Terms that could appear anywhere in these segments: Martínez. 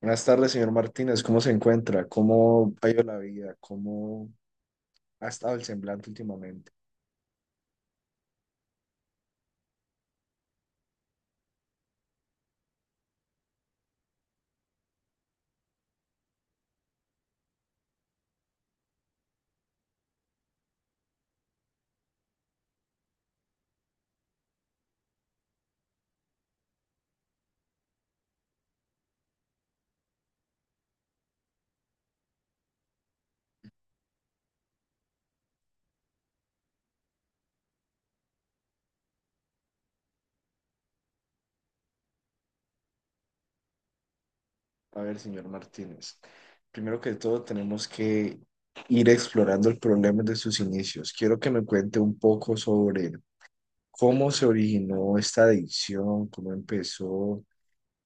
Buenas tardes, señor Martínez. ¿Cómo se encuentra? ¿Cómo ha ido la vida? ¿Cómo ha estado el semblante últimamente? A ver, señor Martínez. Primero que todo, tenemos que ir explorando el problema de sus inicios. Quiero que me cuente un poco sobre cómo se originó esta adicción, cómo empezó,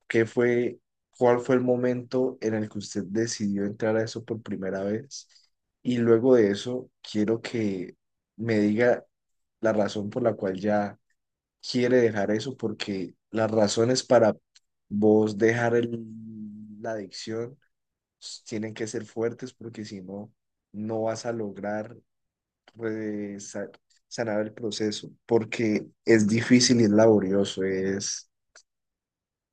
qué fue, cuál fue el momento en el que usted decidió entrar a eso por primera vez. Y luego de eso, quiero que me diga la razón por la cual ya quiere dejar eso, porque las razones para vos dejar la adicción tienen que ser fuertes, porque si no, no vas a lograr re- sa- sanar el proceso, porque es difícil y es laborioso,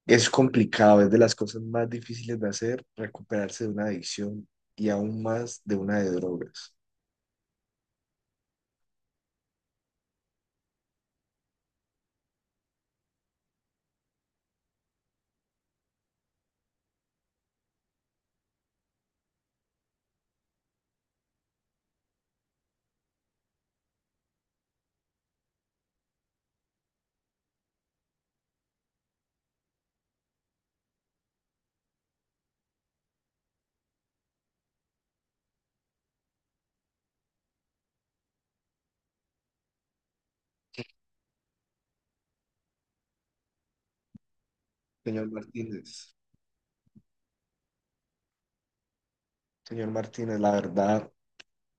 es complicado, es de las cosas más difíciles de hacer recuperarse de una adicción y aún más de una de drogas. Señor Martínez, señor Martínez, la verdad.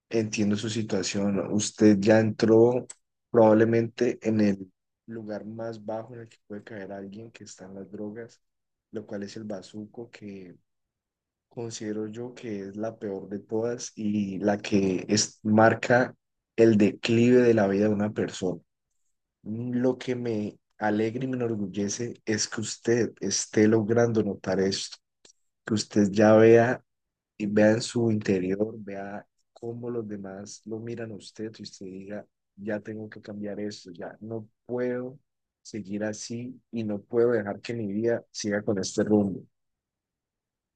Entiendo su situación. Usted ya entró probablemente en el lugar más bajo en el que puede caer alguien que está en las drogas, lo cual es el bazuco, que considero yo que es la peor de todas y la que marca el declive de la vida de una persona. Lo que me alegra y me enorgullece es que usted esté logrando notar esto, que usted ya vea y vea en su interior, vea cómo los demás lo miran a usted y usted diga, ya tengo que cambiar esto, ya no puedo seguir así y no puedo dejar que mi vida siga con este rumbo.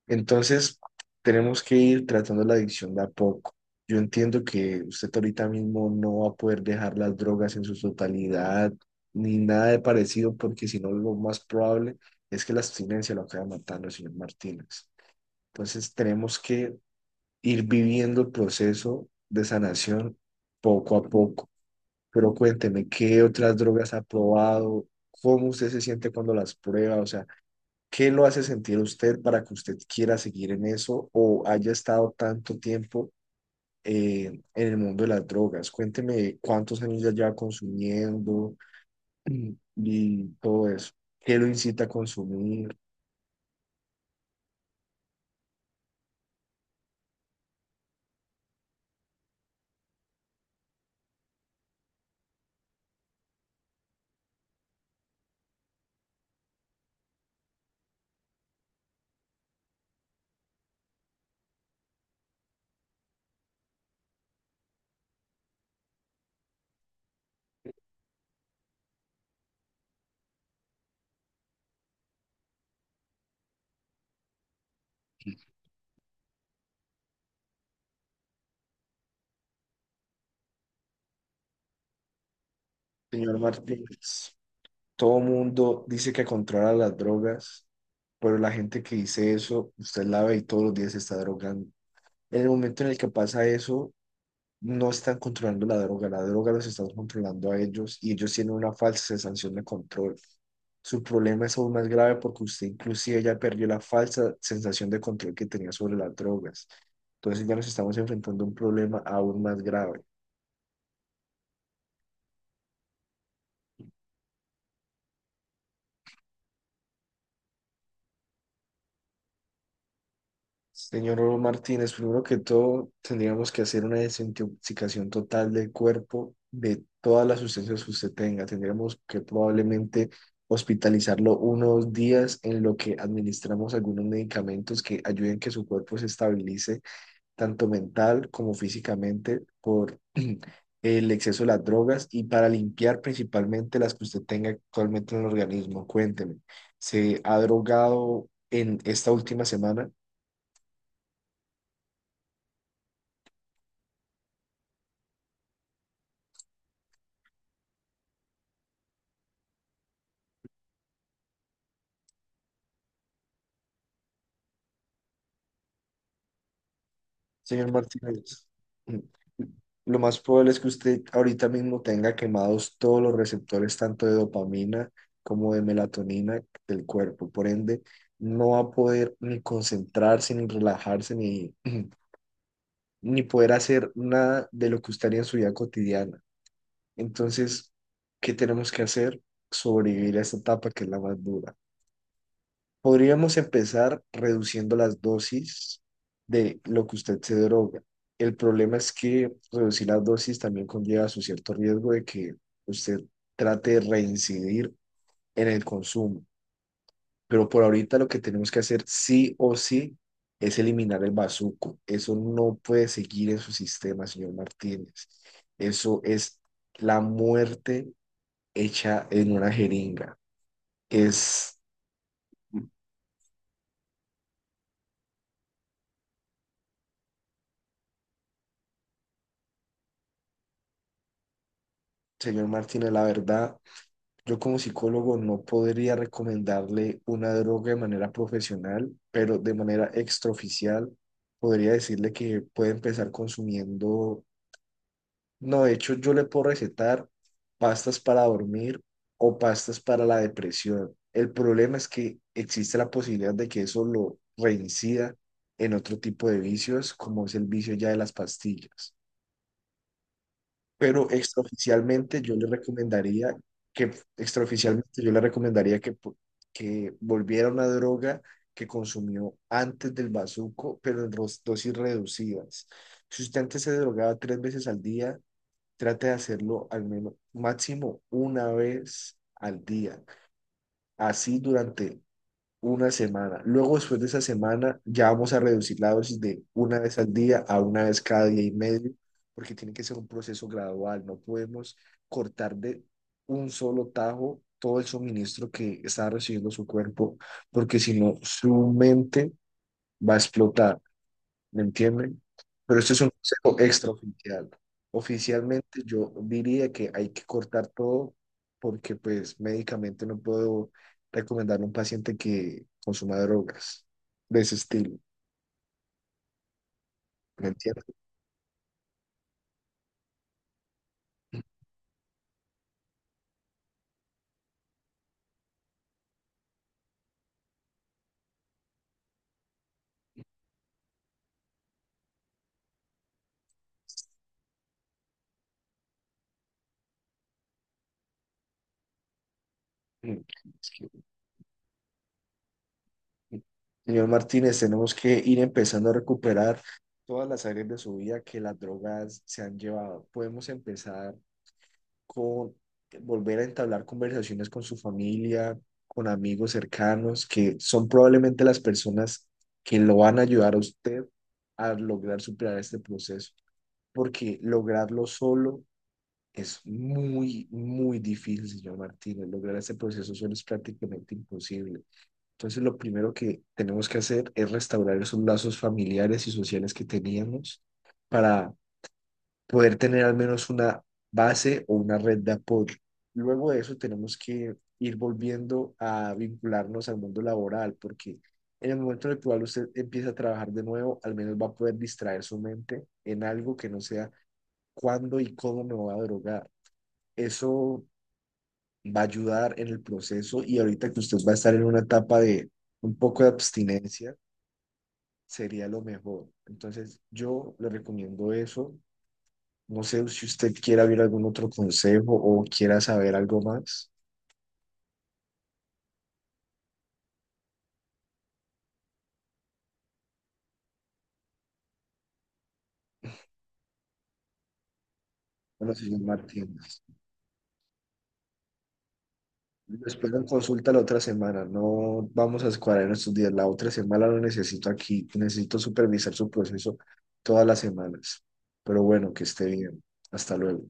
Entonces, tenemos que ir tratando la adicción de a poco. Yo entiendo que usted ahorita mismo no va a poder dejar las drogas en su totalidad ni nada de parecido, porque si no, lo más probable es que la abstinencia lo acabe matando, señor Martínez. Entonces, tenemos que ir viviendo el proceso de sanación poco a poco. Pero cuénteme, ¿qué otras drogas ha probado? ¿Cómo usted se siente cuando las prueba? O sea, ¿qué lo hace sentir a usted para que usted quiera seguir en eso o haya estado tanto tiempo eh, en el mundo de las drogas? Cuénteme cuántos años ya lleva consumiendo y todo eso. ¿Qué lo incita a consumir, señor Martínez? Todo mundo dice que controla las drogas, pero la gente que dice eso, usted la ve y todos los días se está drogando. En el momento en el que pasa eso, no están controlando la droga los está controlando a ellos y ellos tienen una falsa sensación de control. Su problema es aún más grave porque usted inclusive ya perdió la falsa sensación de control que tenía sobre las drogas. Entonces ya nos estamos enfrentando a un problema aún más grave. Señor Martínez, primero que todo, tendríamos que hacer una desintoxicación total del cuerpo de todas las sustancias que usted tenga. Tendríamos que probablemente hospitalizarlo unos días en lo que administramos algunos medicamentos que ayuden que su cuerpo se estabilice, tanto mental como físicamente, por el exceso de las drogas y para limpiar principalmente las que usted tenga actualmente en el organismo. Cuénteme, ¿se ha drogado en esta última semana? Señor Martínez, lo más probable es que usted ahorita mismo tenga quemados todos los receptores, tanto de dopamina como de melatonina del cuerpo. Por ende, no va a poder ni concentrarse, ni relajarse, ni, ni poder hacer nada de lo que usted haría en su vida cotidiana. Entonces, ¿qué tenemos que hacer? Sobrevivir a esta etapa que es la más dura. Podríamos empezar reduciendo las dosis de lo que usted se droga. El problema es que reducir las dosis también conlleva su cierto riesgo de que usted trate de reincidir en el consumo. Pero por ahorita lo que tenemos que hacer sí o sí es eliminar el bazuco. Eso no puede seguir en su sistema, señor Martínez. Eso es la muerte hecha en una jeringa. Es, señor Martínez, la verdad. Yo como psicólogo no podría recomendarle una droga de manera profesional, pero de manera extraoficial podría decirle que puede empezar consumiendo, no, de hecho yo le puedo recetar pastas para dormir o pastas para la depresión. El problema es que existe la posibilidad de que eso lo reincida en otro tipo de vicios, como es el vicio ya de las pastillas. Pero que, extraoficialmente yo le recomendaría que volviera una droga que consumió antes del bazuco, pero en dosis reducidas. Si usted antes se drogaba tres veces al día, trate de hacerlo al menos máximo una vez al día, así durante una semana. Luego, después de esa semana, ya vamos a reducir la dosis de una vez al día a una vez cada día y medio, porque tiene que ser un proceso gradual. No podemos cortar de un solo tajo todo el suministro que está recibiendo su cuerpo, porque si no, su mente va a explotar. ¿Me entienden? Pero esto es un consejo extraoficial. Oficialmente yo diría que hay que cortar todo, porque pues médicamente no puedo recomendarle a un paciente que consuma drogas de ese estilo, ¿me entienden? Es que- Señor Martínez, tenemos que ir empezando a recuperar todas las áreas de su vida que las drogas se han llevado. Podemos empezar con volver a entablar conversaciones con su familia, con amigos cercanos, que son probablemente las personas que lo van a ayudar a usted a lograr superar este proceso, porque lograrlo solo es muy, muy difícil, señor Martínez. Lograr este proceso solo es prácticamente imposible. Entonces, lo primero que tenemos que hacer es restaurar esos lazos familiares y sociales que teníamos para poder tener al menos una base o una red de apoyo. Luego de eso tenemos que ir volviendo a vincularnos al mundo laboral, porque en el momento en el cual usted empieza a trabajar de nuevo, al menos va a poder distraer su mente en algo que no sea cuándo y cómo me voy a drogar. Eso va a ayudar en el proceso, y ahorita que usted va a estar en una etapa de un poco de abstinencia, sería lo mejor. Entonces, yo le recomiendo eso. No sé si usted quiera ver algún otro consejo o quiera saber algo más. Bueno, señor Martínez, lo espero en consulta la otra semana. No vamos a escuadrar en estos días. La otra semana lo necesito aquí. Necesito supervisar su proceso todas las semanas. Pero bueno, que esté bien. Hasta luego.